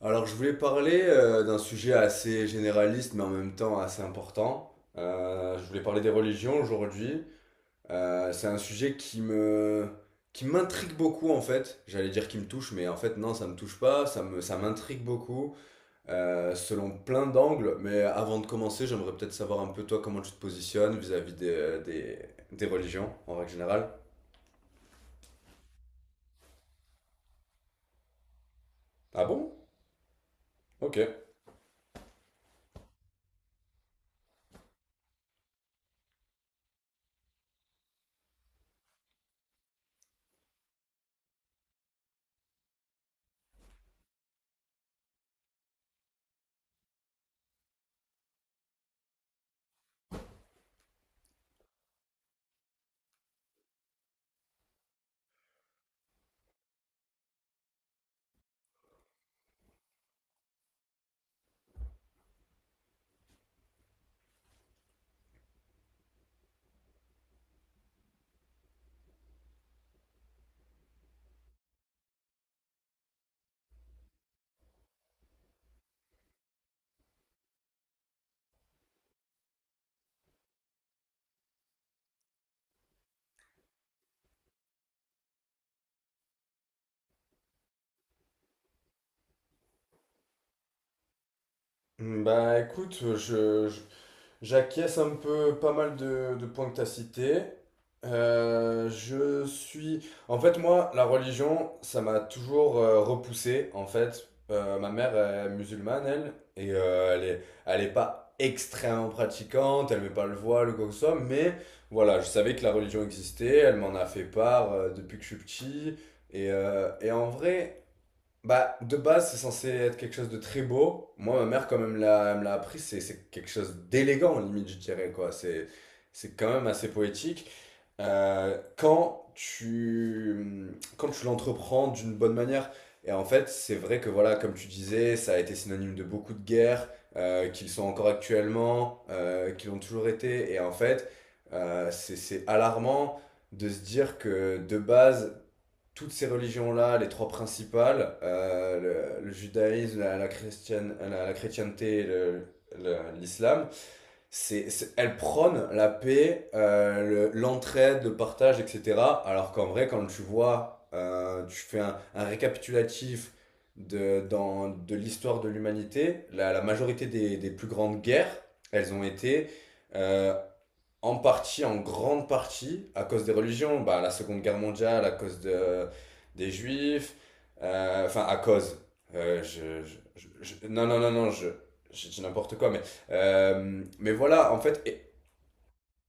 Alors, je voulais parler d'un sujet assez généraliste, mais en même temps assez important. Je voulais parler des religions aujourd'hui. C'est un sujet qui m'intrigue beaucoup en fait. J'allais dire qui me touche, mais en fait non, ça me touche pas. Ça m'intrigue beaucoup, selon plein d'angles. Mais avant de commencer, j'aimerais peut-être savoir un peu toi comment tu te positionnes vis-à-vis des religions en règle générale. Ah bon? Ok. Bah écoute, j'acquiesce un peu pas mal de points que tu as cités. Je suis. En fait, moi, la religion, ça m'a toujours repoussé. En fait, ma mère est musulmane, elle, et elle est pas extrêmement pratiquante, elle met pas le voile ou quoi que ce soit, mais voilà, je savais que la religion existait, elle m'en a fait part depuis que je suis petit. Et en vrai, bah, de base, c'est censé être quelque chose de très beau. Moi, ma mère, quand même, elle me l'a appris. C'est quelque chose d'élégant, limite, je dirais, quoi. C'est quand même assez poétique. Euh, quand tu, quand tu l'entreprends d'une bonne manière. Et en fait, c'est vrai que, voilà, comme tu disais, ça a été synonyme de beaucoup de guerres, qu'ils sont encore actuellement, qu'ils l'ont toujours été. Et en fait, c'est alarmant de se dire que, de base, toutes ces religions-là, les trois principales, judaïsme, chrétienne, la chrétienté, et l'islam, elle prône la paix, l'entraide, le partage, etc. Alors qu'en vrai, quand tu vois, tu fais récapitulatif de l'histoire de l'humanité, la majorité plus grandes guerres, elles ont été euh, en partie, en grande partie, à cause des religions, bah, la Seconde Guerre mondiale, à cause des Juifs, enfin à cause, euh, je, je- je- non, non, non, non, je dis n'importe quoi, mais voilà, en fait,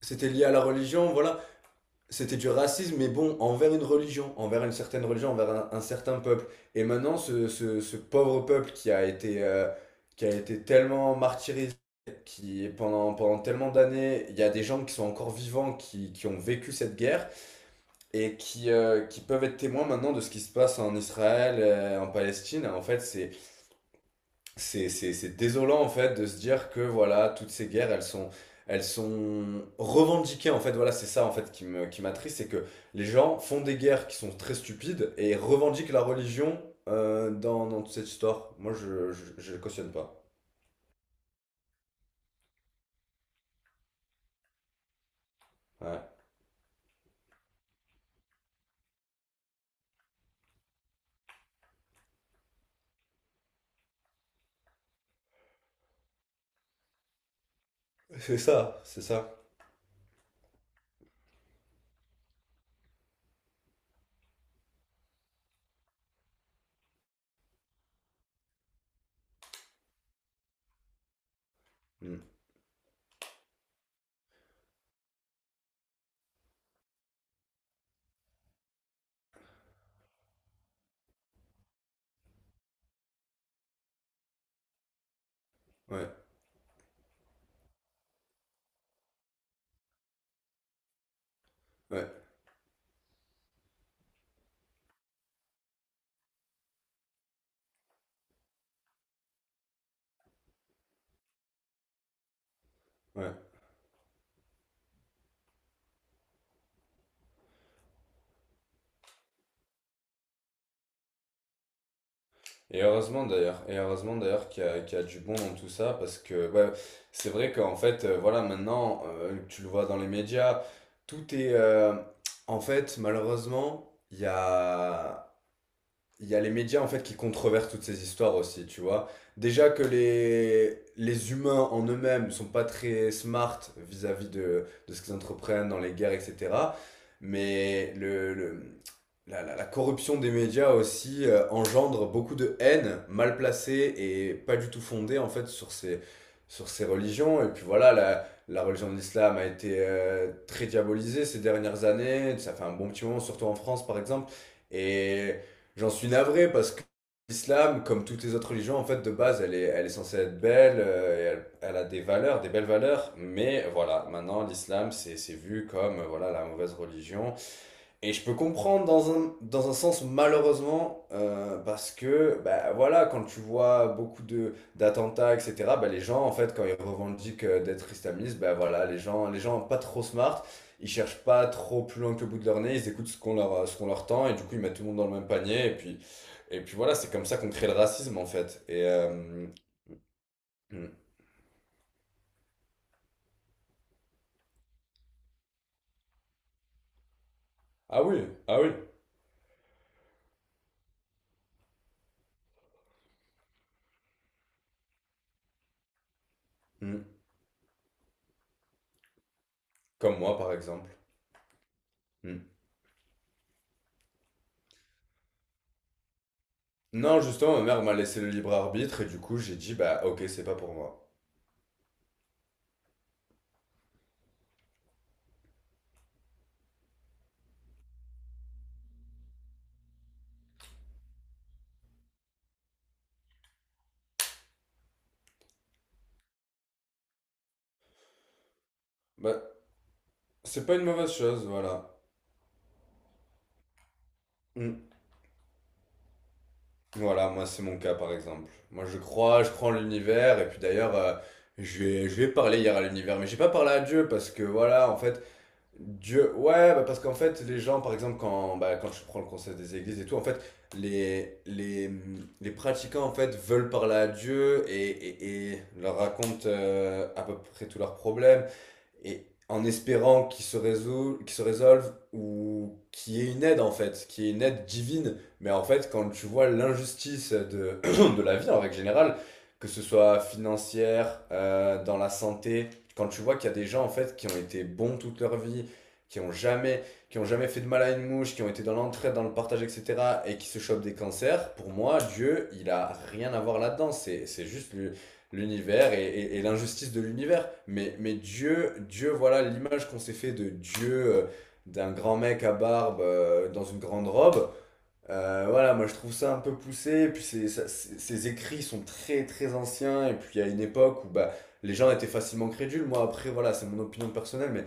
c'était lié à la religion, voilà. C'était du racisme, mais bon, envers une religion, envers une certaine religion, envers un certain peuple. Et maintenant, ce pauvre peuple qui a été, qui a été tellement martyrisé, qui pendant tellement d'années, il y a des gens qui sont encore vivants, qui ont vécu cette guerre, et qui peuvent être témoins maintenant de ce qui se passe en Israël, en Palestine. En fait, c'est désolant en fait de se dire que voilà, toutes ces guerres, elles sont revendiquées en fait. Voilà, c'est ça en fait qui m'attriste, c'est que les gens font des guerres qui sont très stupides et revendiquent la religion dans toute cette histoire. Moi, je cautionne pas. Ouais. C'est ça, c'est ça. Mm. Ouais, ouais, ouais. Et heureusement d'ailleurs qu'il y a du bon dans tout ça, parce que ouais, c'est vrai qu'en fait, voilà, maintenant, tu le vois dans les médias. tout est... euh, En fait, malheureusement, il y a les médias en fait qui controversent toutes ces histoires aussi, tu vois. Déjà que les humains en eux-mêmes sont pas très smart vis-à-vis de ce qu'ils entreprennent dans les guerres, etc. Mais la corruption des médias aussi engendre beaucoup de haine mal placée et pas du tout fondée en fait sur ces religions. Et puis voilà, la religion de l'islam a été très diabolisée ces dernières années. Ça fait un bon petit moment, surtout en France par exemple. Et j'en suis navré parce que l'islam, comme toutes les autres religions, en fait, de base, elle est censée être belle, et elle a des valeurs, des belles valeurs, mais voilà, maintenant, l'islam, c'est vu comme voilà, la mauvaise religion, et je peux comprendre dans un sens malheureusement, parce que bah, voilà, quand tu vois beaucoup de d'attentats, etc., bah, les gens en fait quand ils revendiquent d'être islamistes, bah, voilà, les gens pas trop smart, ils cherchent pas trop plus loin que le bout de leur nez, ils écoutent ce qu'on leur tend, et du coup ils mettent tout le monde dans le même panier, et puis voilà, c'est comme ça qu'on crée le racisme en fait. Hmm. Ah oui, ah oui. Hmm. Comme moi par exemple. Hmm. Non, justement, ma mère m'a laissé le libre arbitre, et du coup j'ai dit, bah, ok, c'est pas pour moi. Bah, c'est pas une mauvaise chose, voilà. Mm. Voilà, moi c'est mon cas par exemple. Moi je crois en l'univers, et puis d'ailleurs, je vais parler hier à l'univers, mais j'ai pas parlé à Dieu parce que voilà, en fait, Dieu, ouais, bah parce qu'en fait, les gens, par exemple, bah, quand je prends le concept des églises et tout, en fait, les, les, les pratiquants, en fait, veulent parler à Dieu, et et leur racontent à peu près tous leurs problèmes, et en espérant qu'ils se résolvent ou qu'il y ait une aide, en fait, qu'il y ait une aide divine. Mais en fait, quand tu vois l'injustice de la vie en règle générale, que ce soit financière, dans la santé, quand tu vois qu'il y a des gens en fait qui ont été bons toute leur vie, qui ont jamais, qui ont jamais fait de mal à une mouche, qui ont été dans l'entraide, dans le partage, etc., et qui se chopent des cancers, pour moi, Dieu, il a rien à voir là-dedans. C'est juste l'univers, et l'injustice de l'univers. Mais Dieu, Dieu, voilà l'image qu'on s'est fait de Dieu, d'un grand mec à barbe dans une grande robe. Voilà, moi je trouve ça un peu poussé, et puis ces écrits sont très très anciens, et puis à une époque où bah, les gens étaient facilement crédules. Moi après, voilà, c'est mon opinion personnelle, mais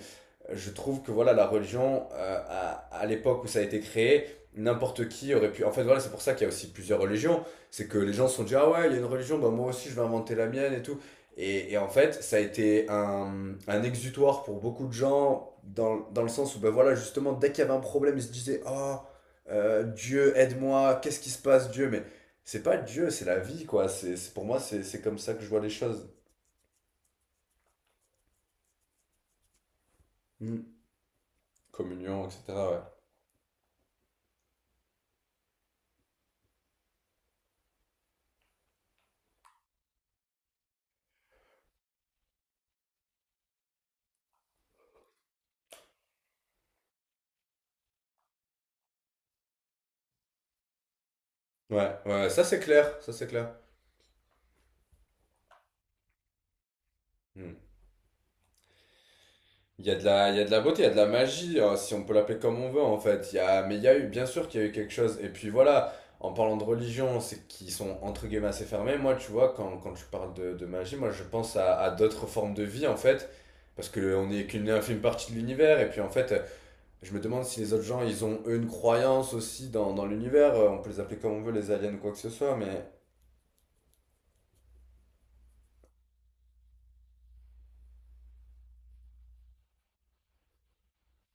je trouve que voilà, la religion, à l'époque où ça a été créé, n'importe qui aurait pu. En fait, voilà, c'est pour ça qu'il y a aussi plusieurs religions, c'est que les gens se sont dit, ah ouais, il y a une religion, bah moi aussi je vais inventer la mienne et tout. Et en fait, ça a été un exutoire pour beaucoup de gens, dans le sens où, bah voilà, justement, dès qu'il y avait un problème, ils se disaient, ah, Dieu, aide-moi, qu'est-ce qui se passe, Dieu? Mais c'est pas Dieu, c'est la vie, quoi. Pour moi, c'est comme ça que je vois les choses. Mm. Communion, etc. Ouais, ouais, ouais, ouais, ça c'est clair, ça c'est clair. Mm. Il y a de la, il y a de la beauté, il y a de la magie, hein, si on peut l'appeler comme on veut, en fait. Mais il y a eu, bien sûr qu'il y a eu quelque chose. Et puis voilà, en parlant de religion, c'est qu'ils sont entre guillemets assez fermés. Moi, tu vois, quand tu parles de magie, moi je pense à d'autres formes de vie, en fait. Parce qu'on n'est qu'une infime partie de l'univers, et puis en fait, je me demande si les autres gens, ils ont eux une croyance aussi dans l'univers. On peut les appeler comme on veut, les aliens ou quoi que ce soit, mais.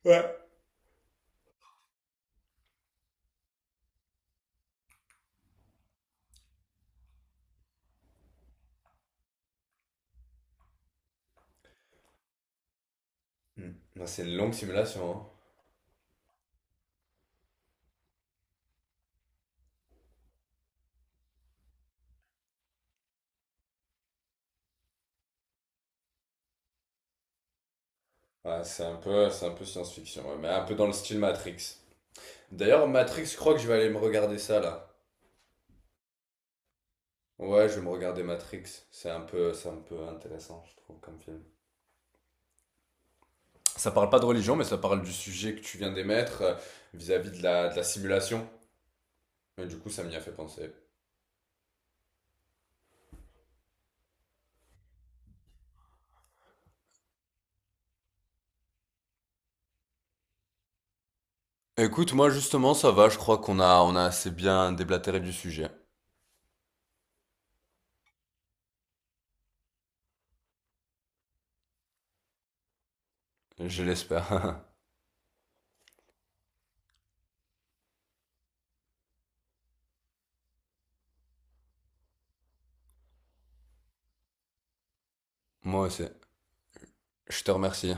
Ouais. Hmm. Ouais, c'est une longue simulation, hein. Ouais, c'est un peu science-fiction, ouais, mais un peu dans le style Matrix. D'ailleurs, Matrix, je crois que je vais aller me regarder ça là. Ouais, je vais me regarder Matrix. C'est un peu intéressant, je trouve, comme film. Ça parle pas de religion, mais ça parle du sujet que tu viens d'émettre, vis-à-vis de la simulation. Et du coup, ça m'y a fait penser. Écoute, moi justement, ça va. Je crois qu'on a assez bien déblatéré du sujet. Je l'espère. Moi aussi. Je te remercie.